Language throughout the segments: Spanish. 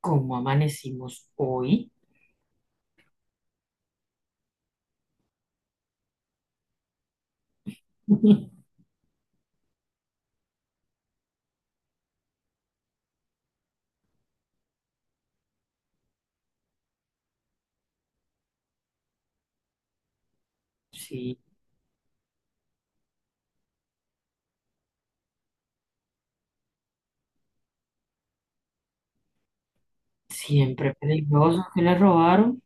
Como amanecimos hoy. Sí, siempre peligroso que le robaron.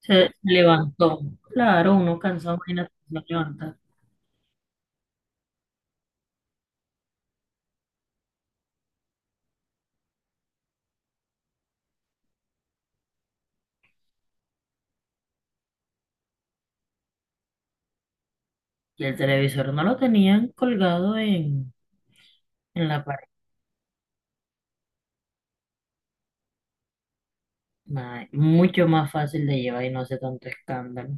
Se levantó. Claro, uno cansado, imagínate, se levanta. Y el televisor no lo tenían colgado en la pared. Nada, mucho más fácil de llevar y no hace tanto escándalo.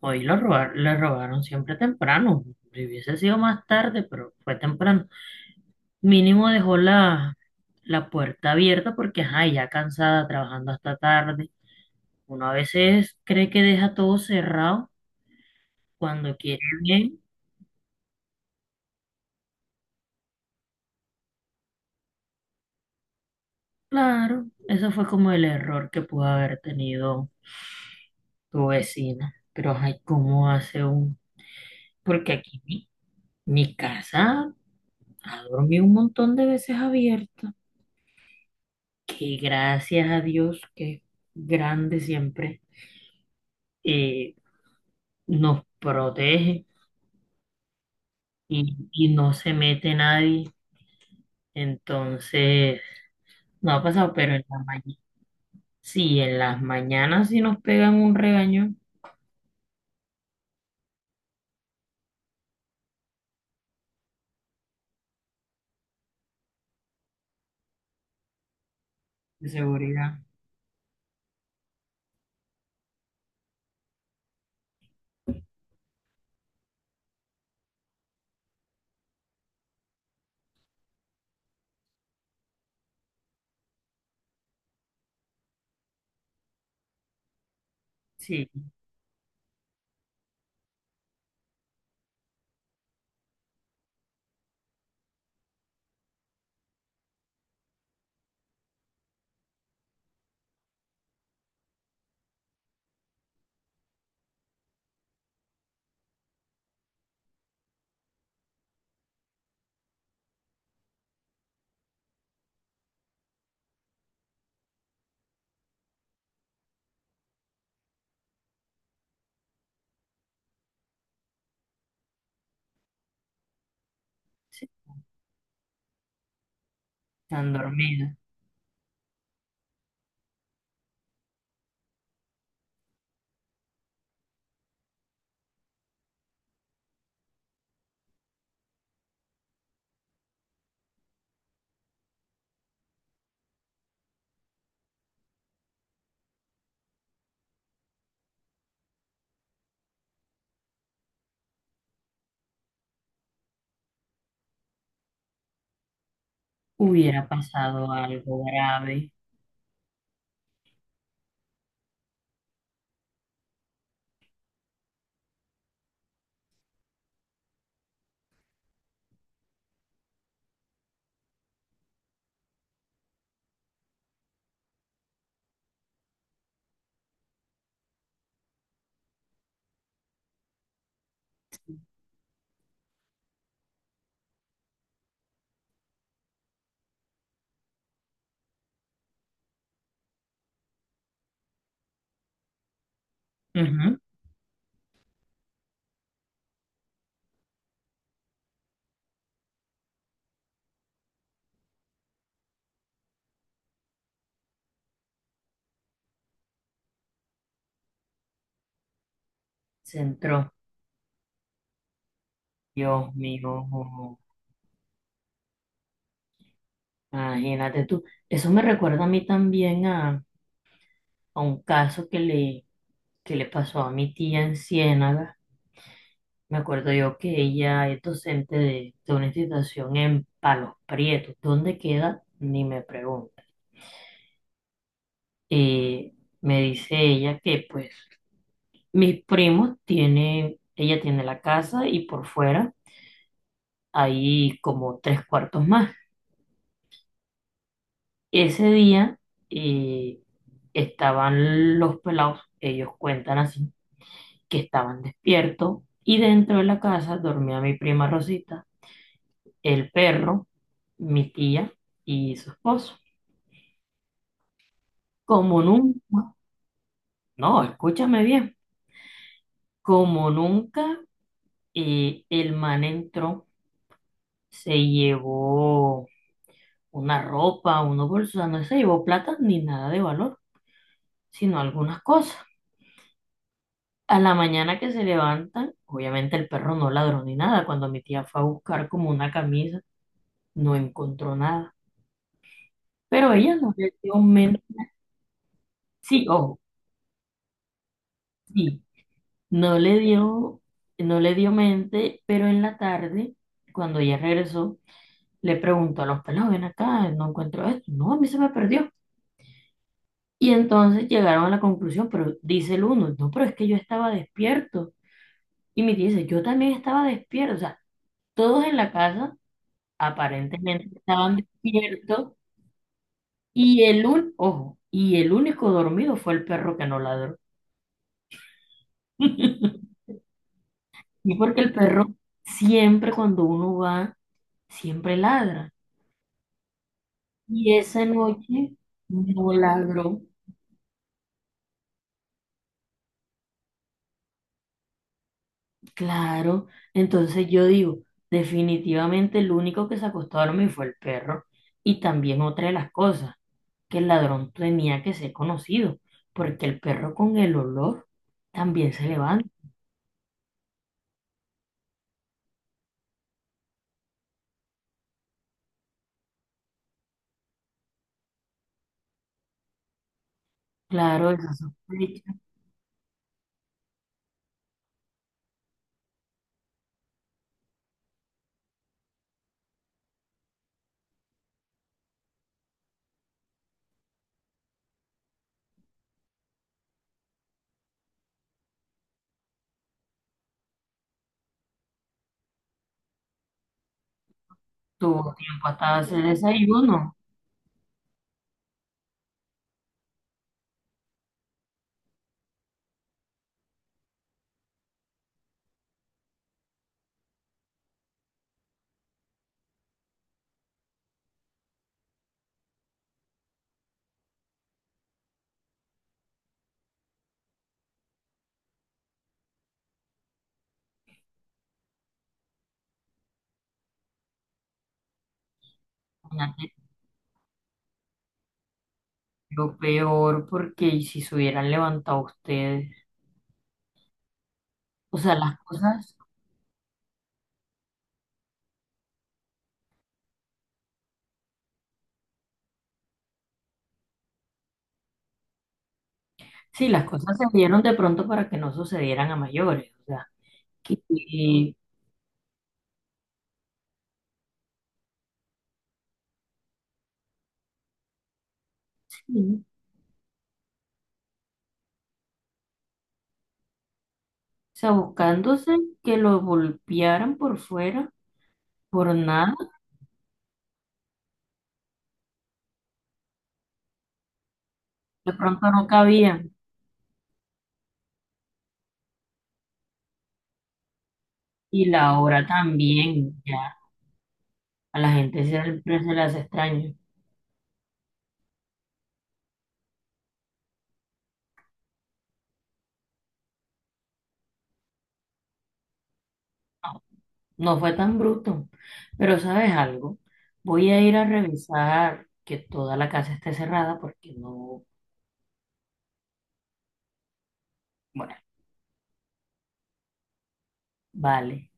Hoy lo robar, le robaron siempre temprano. Si hubiese sido más tarde, pero fue temprano. Mínimo dejó la, la puerta abierta porque, ajá, ya cansada, trabajando hasta tarde. Uno a veces cree que deja todo cerrado cuando quiere bien. Claro, eso fue como el error que pudo haber tenido tu vecina. Pero, ay, ¿cómo hace un...? Porque aquí mi, mi casa ha dormido un montón de veces abierta. Que gracias a Dios, que es grande siempre, eh, nos protege y no se mete nadie. Entonces, no ha pasado, pero en la mañana. Sí, en las mañanas sí nos pegan un regaño de seguridad. Sí, sí, están dormidas. Hubiera pasado algo grave. Ujú. Se entró. Dios mío, imagínate tú. Eso me recuerda a mí también a un caso que le pasó a mi tía en Ciénaga. Me acuerdo yo que ella es docente de una institución en Palos Prietos. ¿Dónde queda? Ni me pregunta. Eh, me dice ella que pues mis primos tienen, ella tiene la casa y por fuera hay como tres cuartos más. Ese día eh, estaban los pelados, ellos cuentan así, que estaban despiertos y dentro de la casa dormía mi prima Rosita, el perro, mi tía y su esposo. Como nunca, no, escúchame bien, como nunca el man entró, se llevó una ropa, unos bolsos, o sea, no se llevó plata ni nada de valor, sino algunas cosas. A la mañana que se levantan, obviamente el perro no ladró ni nada. Cuando mi tía fue a buscar como una camisa, no encontró nada. Pero ella no le dio mente. Sí, ojo, sí, no le dio, no le dio mente, pero en la tarde, cuando ella regresó, le preguntó a los pelados, ven acá, no encuentro esto. No, a mí se me perdió. Y entonces llegaron a la conclusión, pero dice el uno, no, pero es que yo estaba despierto. Y me dice, yo también estaba despierto, o sea, todos en la casa aparentemente estaban despiertos y el un, ojo, y el único dormido fue el perro que no ladró. Y porque el perro siempre cuando uno va, siempre ladra. Y esa noche no ladró, claro. Entonces yo digo, definitivamente el único que se acostó a dormir fue el perro. Y también otra de las cosas, que el ladrón tenía que ser conocido, porque el perro con el olor también se levanta. Claro, esa sospecha tuvo tiempo hasta hacer desayuno. Imagínate, lo peor, porque ¿y si se hubieran levantado ustedes, o sea, las cosas, sí, las cosas se dieron de pronto para que no sucedieran a mayores, o sea, que sí, o sea, buscándose que lo golpearan por fuera, por nada, de pronto no cabían. Y la hora también, ya a la gente siempre se le hace extraño. No, no fue tan bruto. Pero ¿sabes algo? Voy a ir a revisar que toda la casa esté cerrada porque no, bueno, vale.